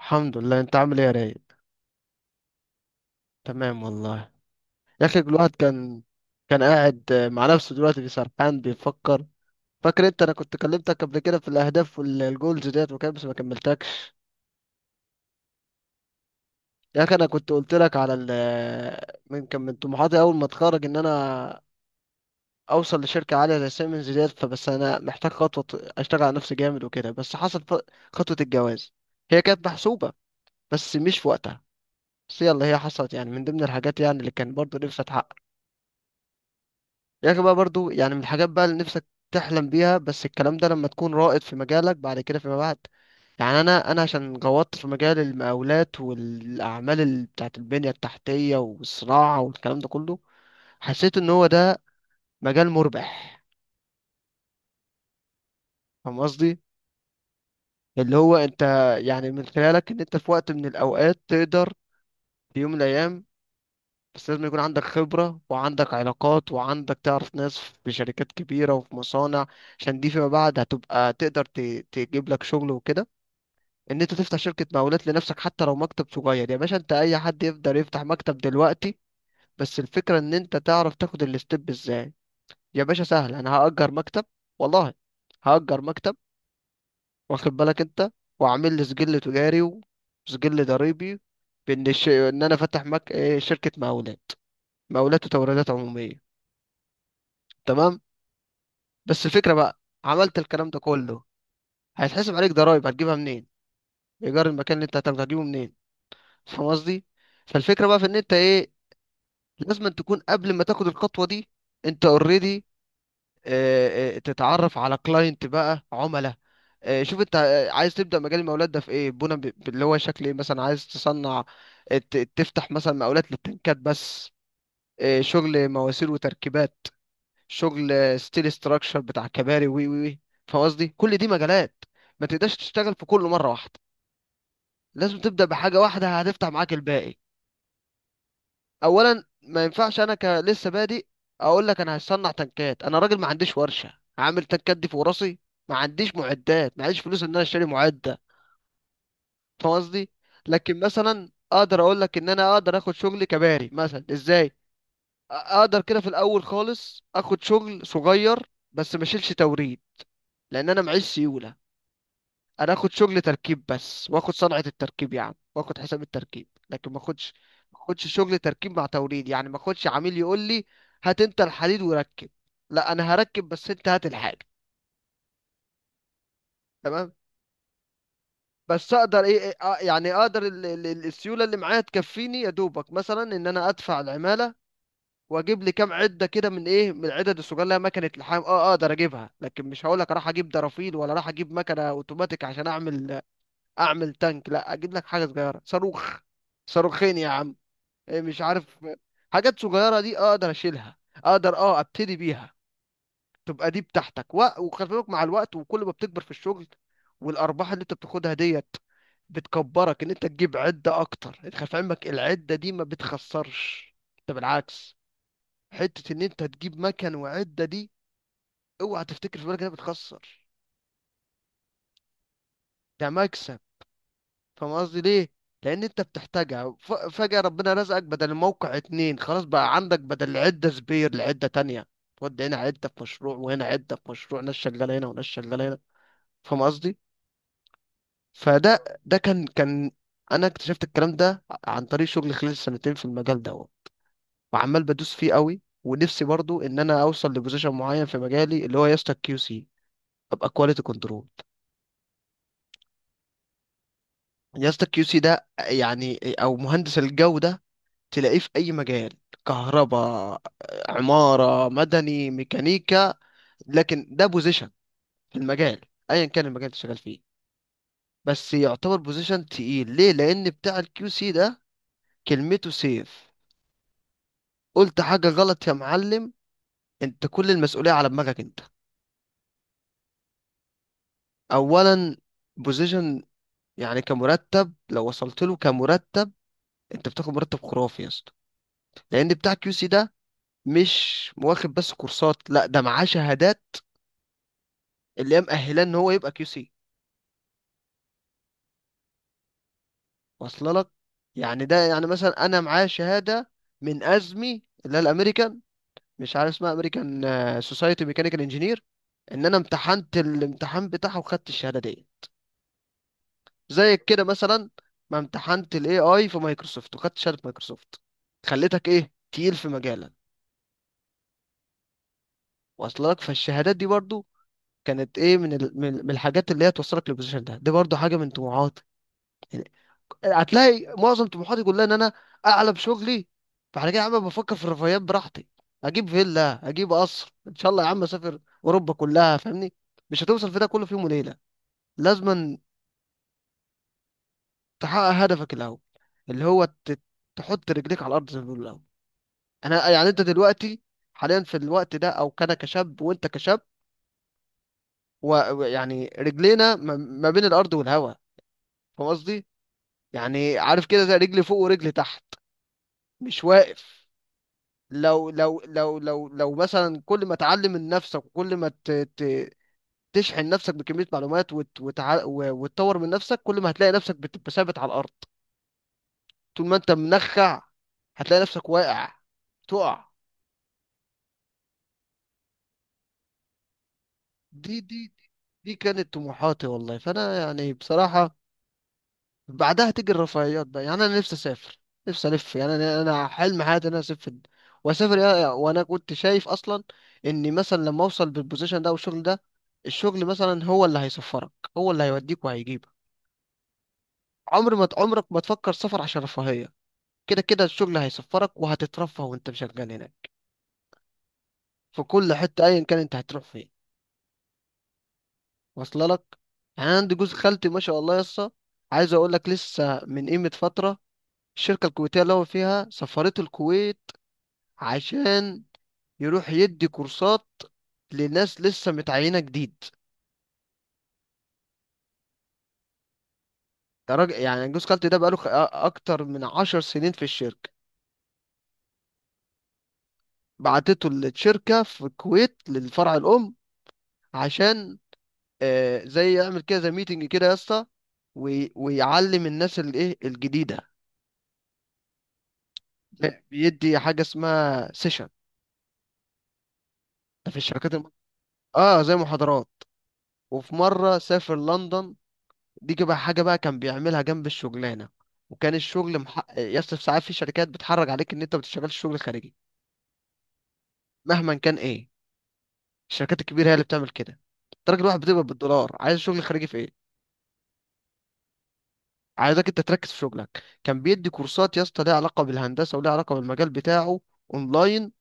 الحمد لله. انت عامل ايه يا رايق؟ تمام والله. يا اخي الواحد كان قاعد مع نفسه دلوقتي بيسرحان بيفكر. فاكر انت انا كنت كلمتك قبل كده في الاهداف والجولز ديت وكده بس ما كملتكش. يا اخي انا كنت قلت لك على ال من كان من طموحاتي اول ما اتخرج ان انا اوصل لشركه عاليه زي سيمنز ديت، فبس انا محتاج خطوه اشتغل على نفسي جامد وكده. بس حصل خطوه الجواز، هي كانت محسوبه بس مش في وقتها. بس يلا هي حصلت، يعني من ضمن الحاجات يعني اللي كان برضو نفسي اتحقق. يا اخي بقى برضو يعني من الحاجات بقى اللي نفسك تحلم بيها، بس الكلام ده لما تكون رائد في مجالك بعد كده فيما بعد. يعني انا عشان غوطت في مجال المقاولات والاعمال بتاعت البنية التحتية والصناعة والكلام ده كله، حسيت ان هو ده مجال مربح. فاهم قصدي؟ اللي هو انت يعني من خلالك، ان انت في وقت من الاوقات تقدر في يوم من الايام. بس لازم يكون عندك خبرة وعندك علاقات وعندك تعرف ناس في شركات كبيرة وفي مصانع، عشان دي فيما بعد هتبقى تقدر تجيب لك شغل وكده. ان انت تفتح شركة مقاولات لنفسك حتى لو مكتب صغير يا باشا، انت اي حد يقدر يفتح مكتب دلوقتي. بس الفكرة ان انت تعرف تاخد الستيب ازاي. يا باشا سهل، انا هأجر مكتب، والله هأجر مكتب، واخد بالك انت، واعمل لي سجل تجاري وسجل ضريبي، بان ان انا فاتح مك... إيه، شركة مقاولات، مقاولات وتوريدات عمومية. تمام. بس الفكرة بقى، عملت الكلام ده كله، هيتحسب عليك ضرايب هتجيبها منين؟ ايجار المكان اللي انت هتاخده هتجيبه منين؟ فاهم قصدي؟ فالفكرة بقى في ان انت ايه، لازم أن تكون قبل ما تاخد الخطوة دي، انت اوريدي تتعرف على كلاينت بقى، عملاء. شوف انت، عايز تبدأ مجال المقاولات ده في ايه، بنا اللي هو شكل ايه؟ مثلا عايز تصنع، تفتح مثلا مقاولات للتنكات بس، شغل مواسير وتركيبات، شغل ستيل ستراكشر بتاع كباري، وي. فاهم قصدي؟ كل دي مجالات، ما تقدرش تشتغل في كله مره واحده، لازم تبدا بحاجه واحده هتفتح معاك الباقي. اولا ما ينفعش انا ك لسه بادئ اقول لك انا هصنع تنكات، انا راجل ما عنديش ورشه، عامل تنكات دي في راسي؟ ما عنديش معدات، ما عنديش فلوس ان انا اشتري معده. فاهم قصدي؟ لكن مثلا اقدر اقول لك ان انا اقدر اخد شغل كباري مثلا. ازاي؟ اقدر كده في الاول خالص اخد شغل صغير، بس ما اشيلش توريد، لان انا معيش سيوله. انا اخد شغل تركيب بس، واخد صنعة التركيب يا عم، واخد حساب التركيب، لكن ما اخدش شغل تركيب مع توريد. يعني ما اخدش عميل يقول لي، هات انت الحديد وركب. لا، انا هركب بس، انت هات الحاجة. تمام. بس اقدر ايه، إيه، آه، يعني اقدر السيولة اللي معايا تكفيني يا دوبك مثلا ان انا ادفع العمالة، واجيب لي كام عدة كده من ايه، من العدد الصغيرة اللي هي مكنة لحام. اقدر اجيبها، لكن مش هقول لك راح اجيب درافيل ولا راح اجيب مكنة اوتوماتيك عشان اعمل اعمل تانك. لا، اجيب لك حاجه صغيره، صاروخ، صاروخين يا عم. مش عارف. حاجات صغيره دي اقدر اشيلها، اقدر اه ابتدي بيها. تبقى دي بتاعتك وخلي بالك، مع الوقت وكل ما بتكبر في الشغل والارباح اللي انت بتاخدها ديت، بتكبرك ان انت تجيب عده اكتر. انت خلي في علمك، العده دي ما بتخسرش، انت بالعكس، حته ان انت تجيب مكن وعده دي اوعى تفتكر في بالك انها بتخسر، ده مكسب. فاهم قصدي ليه؟ لان انت بتحتاجها، فجأة ربنا رزقك بدل الموقع اتنين، خلاص بقى عندك بدل، عدة سبير لعدة تانية، تودي هنا عدة في مشروع وهنا عدة في مشروع، ناس شغالة هنا وناس شغالة هنا. فاهم قصدي؟ فده ده كان انا اكتشفت الكلام ده عن طريق شغلي خلال السنتين في المجال ده، وعمال بدوس فيه قوي. ونفسي برضو ان انا اوصل لبوزيشن معين في مجالي، اللي هو يا اسطى كيو سي، ابقى كواليتي كنترول. يا اسطى كيو سي ده يعني او مهندس الجودة، تلاقيه في أي مجال، كهرباء، عمارة، مدني، ميكانيكا. لكن ده بوزيشن في المجال، أيا كان المجال اللي شغال فيه. بس يعتبر بوزيشن تقيل، ليه؟ لأن بتاع الكيو سي ده كلمته سيف، قلت حاجة غلط يا معلم، أنت كل المسؤولية على دماغك أنت. أولا، بوزيشن، يعني كمرتب لو وصلت له كمرتب، أنت بتاخد مرتب خرافي يا اسطى. لأن بتاع الكيو سي ده مش واخد بس كورسات، لا ده معاه شهادات اللي هي مأهلاه إن هو يبقى كيو سي. واصله لك؟ يعني ده يعني مثلا انا معايا شهاده من ازمي، اللي هي الامريكان، مش عارف اسمها، امريكان سوسايتي ميكانيكال انجينير، ان انا امتحنت الامتحان بتاعها وخدت الشهاده دي، زي كده مثلا ما امتحنت الاي اي في مايكروسوفت وخدت شهاده مايكروسوفت، خليتك ايه، تقيل في مجالك. واصله لك؟ فالشهادات دي برضو كانت ايه، من ال... من من الحاجات اللي هي توصلك للبوزيشن ده، دي برضو حاجه من طموحاتك. هتلاقي معظم طموحاتي كلها ان انا اعلى بشغلي، فعلى كده يا عم بفكر في الرفاهيات براحتي، اجيب فيلا، اجيب قصر ان شاء الله يا عم، اسافر اوروبا كلها، فاهمني؟ مش هتوصل في ده كله في يوم وليله، لازم تحقق هدفك الاول، اللي هو تحط رجليك على الارض زي ما بيقولوا الاول. انا يعني انت دلوقتي حاليا في الوقت ده، او كان كشاب وانت كشاب، ويعني رجلينا ما بين الارض والهواء. فاهم قصدي؟ يعني عارف كده زي رجلي فوق ورجلي تحت، مش واقف. لو مثلا كل ما تعلم من نفسك وكل ما تشحن نفسك بكمية معلومات وتطور من نفسك، كل ما هتلاقي نفسك بتبقى ثابت على الأرض. طول ما أنت منخع، هتلاقي نفسك واقع، تقع. دي دي دي كانت طموحاتي والله. فأنا يعني بصراحة بعدها تيجي الرفاهيات بقى. يعني انا نفسي اسافر، نفسي الف، يعني أنا حلم حياتي ان انا اسافر واسافر وانا كنت شايف اصلا اني مثلا لما اوصل بالبوزيشن ده والشغل ده، الشغل مثلا هو اللي هيسفرك، هو اللي هيوديك وهيجيبك. عمر ما عمرك ما تفكر سفر عشان رفاهية، كده كده الشغل هيسفرك وهتترفه وانت شغال هناك، في كل حتة ايا كان انت هتروح فين. واصله لك؟ يعني أنا عندي جوز خالتي ما شاء الله يسا. عايز اقول لك لسه من قيمة فترة، الشركة الكويتية اللي هو فيها سفرته الكويت، عشان يروح يدي كورسات لناس لسه متعينة جديد. ده راجل، يعني جوز خالتي ده بقاله أكتر من عشر سنين في الشركة. بعتته للشركة في الكويت للفرع الأم، عشان زي يعمل كده زي ميتنج كده يا اسطى، ويعلم الناس الإيه الجديدة. ده بيدي حاجة اسمها سيشن، ده في الشركات اه زي محاضرات. وفي مرة سافر لندن. دي بقى حاجة بقى كان بيعملها جنب الشغلانة، وكان الشغل يصرف ساعات في شركات بتحرج عليك ان انت ما بتشتغلش شغل خارجي، مهما كان ايه. الشركات الكبيرة هي اللي بتعمل كده، انت راجل واحد بتقبض بالدولار، عايز شغل خارجي في ايه؟ عايزك انت تركز في شغلك. كان بيدي كورسات يا اسطى ليها علاقة بالهندسة وليها علاقة بالمجال بتاعه، اونلاين،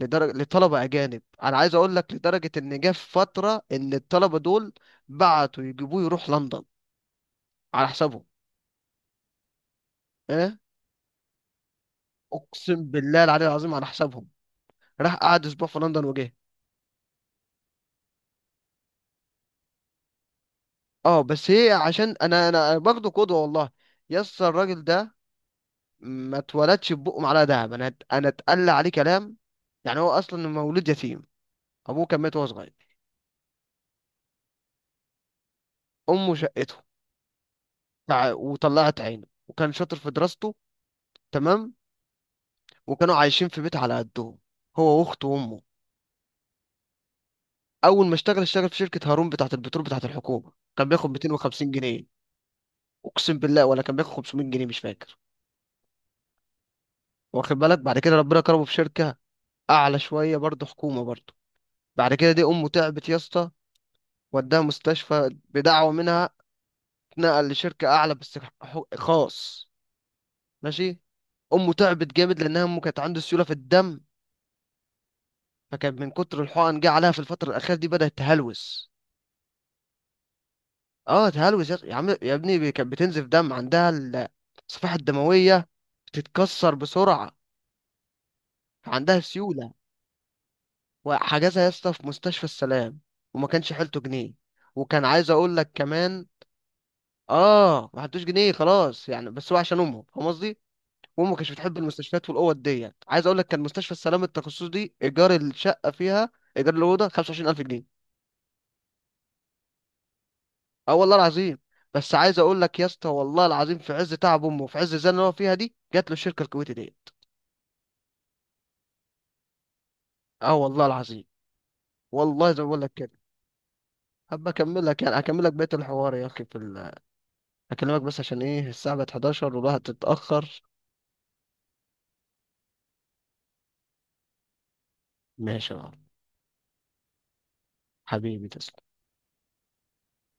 لدرجة لطلبة اجانب. انا عايز اقول لك لدرجة ان جه في فترة ان الطلبة دول بعتوا يجيبوه يروح لندن على حسابهم. ايه؟ اقسم بالله العلي العظيم، على حسابهم، راح قعد اسبوع في لندن وجه. اه بس هي عشان انا باخده قدوه والله. يس الراجل ده ما اتولدش ببقه معلقه دهب، انا اتقل عليه كلام. يعني هو اصلا مولود يتيم، ابوه كان مات وهو صغير، امه شقته، وطلعت عينه وكان شاطر في دراسته. تمام. وكانوا عايشين في بيت على قدهم، هو واخته وامه. اول ما اشتغل، اشتغل في شركه هارون بتاعه البترول بتاعه الحكومه، كان بياخد 250 جنيه. اقسم بالله، ولا كان بياخد 500 جنيه، مش فاكر. واخد بالك، بعد كده ربنا كرمه في شركه اعلى شويه برضه، حكومه برضه. بعد كده دي امه تعبت يا اسطى، وداها مستشفى بدعوه منها. اتنقل لشركه اعلى بس، خاص، ماشي. امه تعبت جامد، لانها امه كانت عنده سيوله في الدم، فكان من كتر الحقن جه عليها في الفتره الاخيره دي بدات تهلوس. اه تهلوس يا عم يا ابني، كانت بتنزف دم، عندها الصفائح الدمويه بتتكسر بسرعه، عندها سيوله. وحجزها يا اسطى في مستشفى السلام، وما كانش حيلته جنيه. وكان عايز اقول لك كمان، اه ما حدوش جنيه خلاص يعني، بس هو عشان امهم، فاهم قصدي؟ وامه كانتش بتحب المستشفيات والاوض ديت. عايز اقول لك كان مستشفى السلام التخصصي دي ايجار الشقه فيها، ايجار الاوضه، 25,000 جنيه. اه والله العظيم. بس عايز اقول لك يا اسطى، والله العظيم، في عز تعب امه وفي عز الزنقه اللي هو فيها دي، جات له الشركه الكويتي ديت. اه والله العظيم، والله زي ما بقول لك كده. هبقى اكمل لك، يعني اكمل لك بقيه الحوار يا اخي في اكلمك بس عشان ايه، الساعه بقت 11 والواحد اتاخر. ماشي يا معلم. حبيبي تسلم.